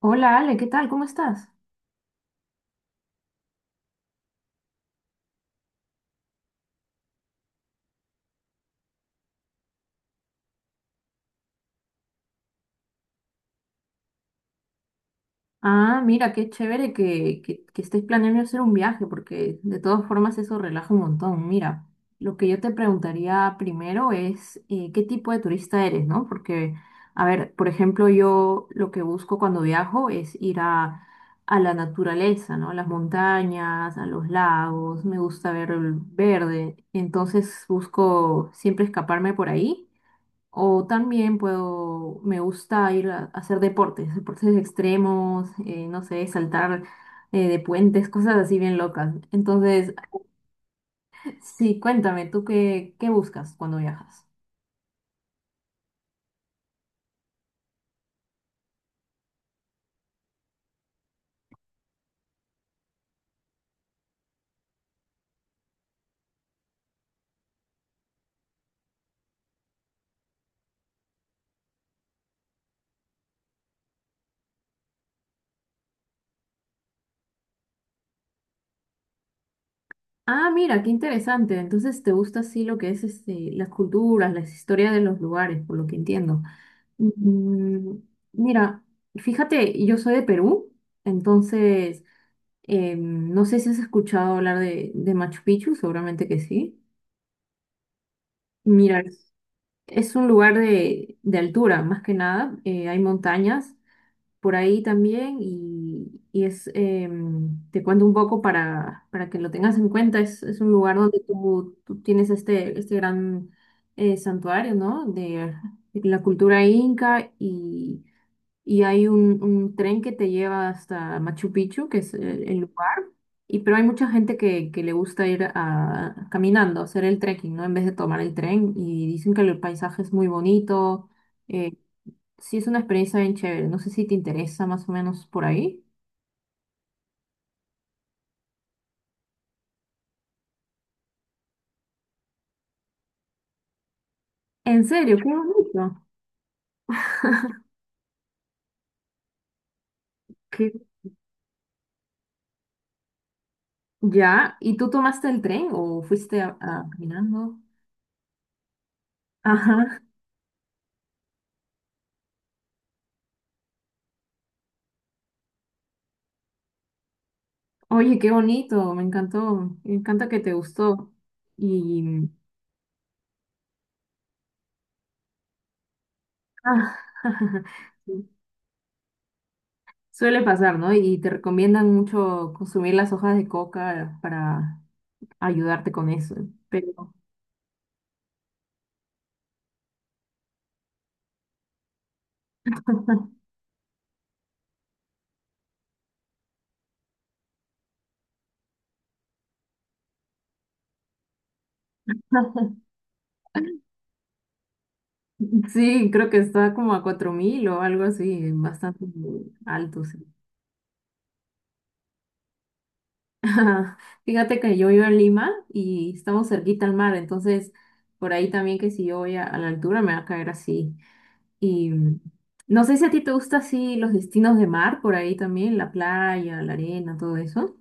Hola Ale, ¿qué tal? ¿Cómo estás? Ah, mira, qué chévere que estés planeando hacer un viaje, porque de todas formas eso relaja un montón. Mira, lo que yo te preguntaría primero es qué tipo de turista eres, ¿no? Porque, a ver, por ejemplo, yo lo que busco cuando viajo es ir a la naturaleza, ¿no? A las montañas, a los lagos, me gusta ver el verde, entonces busco siempre escaparme por ahí. O también puedo, me gusta ir a hacer deportes, deportes extremos, no sé, saltar de puentes, cosas así bien locas. Entonces, sí, cuéntame, ¿tú qué buscas cuando viajas? Ah, mira, qué interesante. Entonces, te gusta así lo que es este, las culturas, las historias de los lugares, por lo que entiendo. Mm, mira, fíjate, yo soy de Perú, entonces, no sé si has escuchado hablar de Machu Picchu, seguramente que sí. Mira. Es un lugar de altura, más que nada. Hay montañas por ahí también y es, te cuento un poco para que lo tengas en cuenta. Es un lugar donde tú tienes este, este gran santuario, ¿no? De la cultura inca y hay un tren que te lleva hasta Machu Picchu, que es el lugar, y pero hay mucha gente que le gusta ir caminando, hacer el trekking, ¿no? En vez de tomar el tren, y dicen que el paisaje es muy bonito, eh, sí es una experiencia bien chévere, no sé si te interesa más o menos por ahí. En serio, qué bonito. ¿Qué? Ya, ¿y tú tomaste el tren o fuiste caminando? Ajá. Oye, qué bonito, me encantó, me encanta que te gustó. Y Ah, sí, suele pasar, ¿no? Y te recomiendan mucho consumir las hojas de coca para ayudarte con eso. Pero sí, creo que está como a 4.000 o algo así, bastante alto, sí. Fíjate que yo vivo en Lima y estamos cerquita al mar, entonces por ahí también que si yo voy a la altura me va a caer así. Y mm, no sé si a ti te gusta así los destinos de mar, por ahí también, la playa, la arena, todo eso.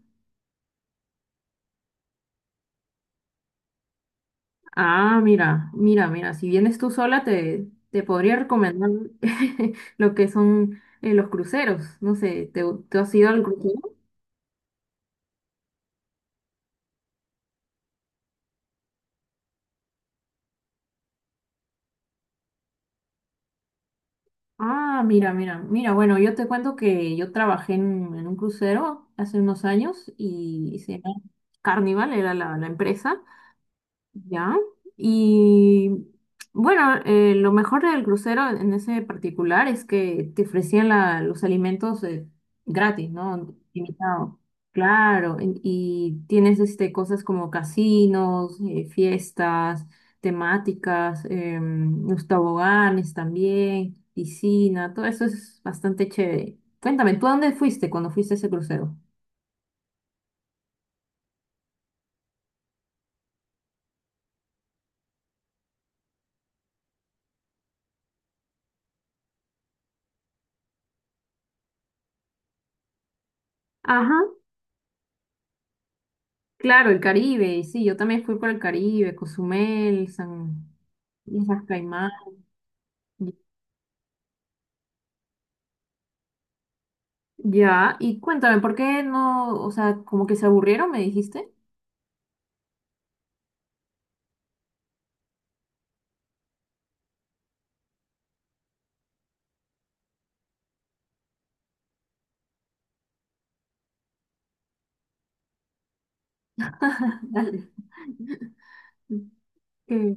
Ah, mira, mira, mira, si vienes tú sola, te podría recomendar lo que son los cruceros. No sé, te has ido al crucero? Ah, mira, mira, mira, bueno, yo te cuento que yo trabajé en un crucero hace unos años y se llama Carnival, era la empresa, ya. Y bueno, lo mejor del crucero en ese particular es que te ofrecían los alimentos gratis, ¿no? Limitado. Claro, y tienes este, cosas como casinos, fiestas temáticas, los toboganes también, piscina, todo eso es bastante chévere. Cuéntame, ¿tú a dónde fuiste cuando fuiste a ese crucero? Claro, el Caribe, sí, yo también fui por el Caribe, Cozumel, San... Islas Caimán. Ya, y cuéntame, ¿por qué no, o sea, como que se aburrieron, me dijiste? Dale. Que-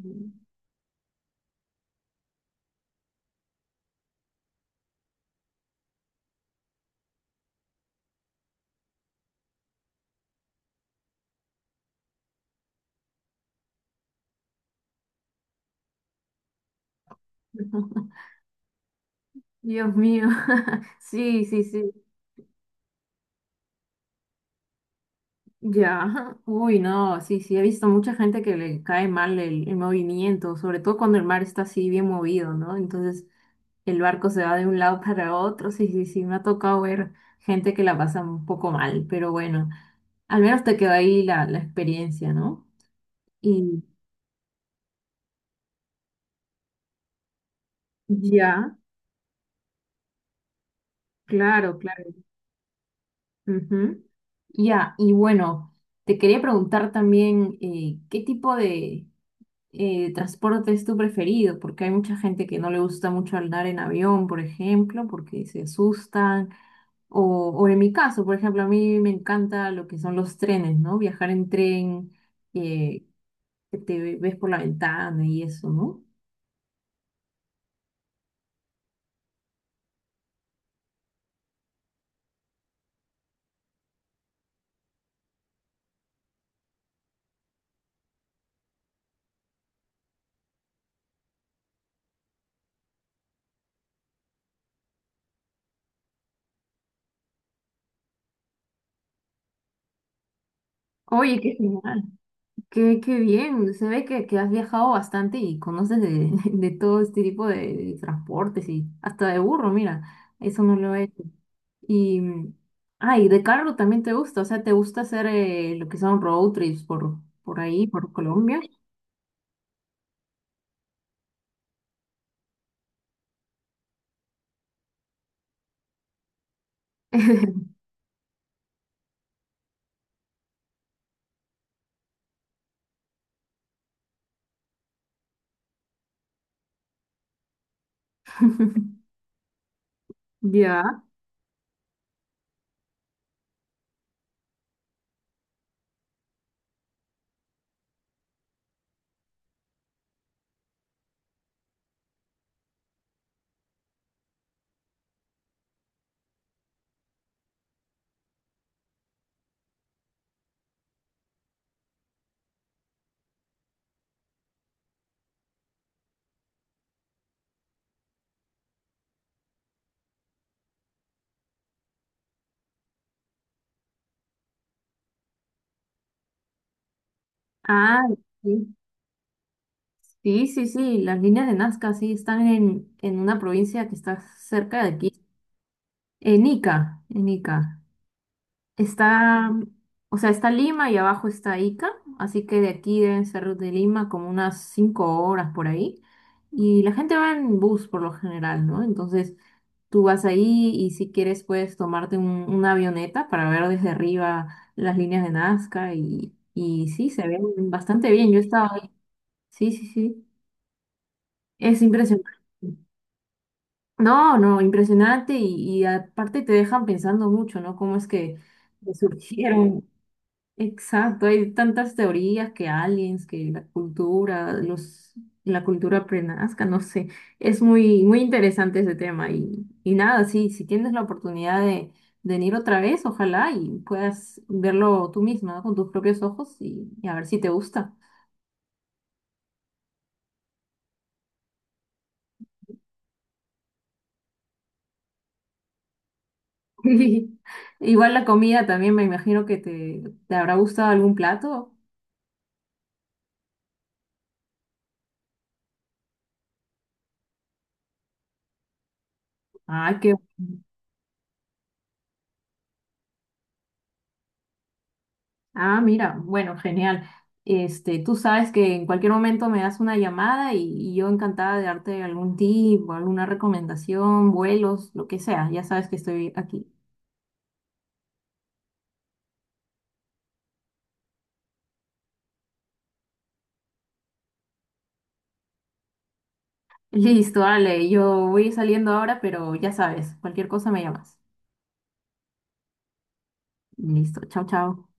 Dios mío. Sí, sí, sí. Ya, ajá. Uy, no, sí, sí, he visto mucha gente que le cae mal el movimiento, sobre todo cuando el mar está así bien movido, ¿no? Entonces el barco se va de un lado para otro, sí, sí, sí, me ha tocado ver gente que la pasa un poco mal, pero bueno, al menos te quedó ahí la experiencia, ¿no? Y ya, claro, claro. Ujú. Ya, y bueno, te quería preguntar también, ¿qué tipo de, transporte es tu preferido? Porque hay mucha gente que no le gusta mucho andar en avión, por ejemplo, porque se asustan. O, o en mi caso, por ejemplo, a mí me encanta lo que son los trenes, ¿no? Viajar en tren, eh, que te ves por la ventana y eso, ¿no? Oye, qué genial. Qué bien, se ve que has viajado bastante y conoces de, de todo este tipo de transportes y hasta de burro, mira, eso no lo he hecho. Y, mm, ah, y de carro también te gusta, o sea, te gusta hacer lo que son road trips por ahí, por Colombia. Ya. Ah, sí. Sí, sí, sí, las líneas de Nazca sí están en una provincia que está cerca de aquí, en Ica, en Ica. Está, o sea, está Lima y abajo está Ica, así que de aquí deben ser de Lima como unas 5 horas por ahí. Y la gente va en bus por lo general, ¿no? Entonces tú vas ahí y si quieres puedes tomarte una avioneta para ver desde arriba las líneas de Nazca y sí, se ven bastante bien. Yo he estado ahí. Sí, sí, sí. Es impresionante. No, no, impresionante y aparte te dejan pensando mucho, ¿no? ¿Cómo es que surgieron? Exacto, hay tantas teorías que aliens, que la cultura, los, la cultura prenazca, no sé. Es muy, muy interesante ese tema y nada, sí, si tienes la oportunidad de venir otra vez, ojalá y puedas verlo tú misma, ¿no? Con tus propios ojos y a ver si te gusta. Sí. Igual la comida también, me imagino que te habrá gustado algún plato. Ah qué. Ah, mira, bueno, genial. Este, tú sabes que en cualquier momento me das una llamada y yo encantada de darte algún tip o alguna recomendación, vuelos, lo que sea. Ya sabes que estoy aquí. Listo, Ale, yo voy saliendo ahora, pero ya sabes, cualquier cosa me llamas. Listo, chao, chao.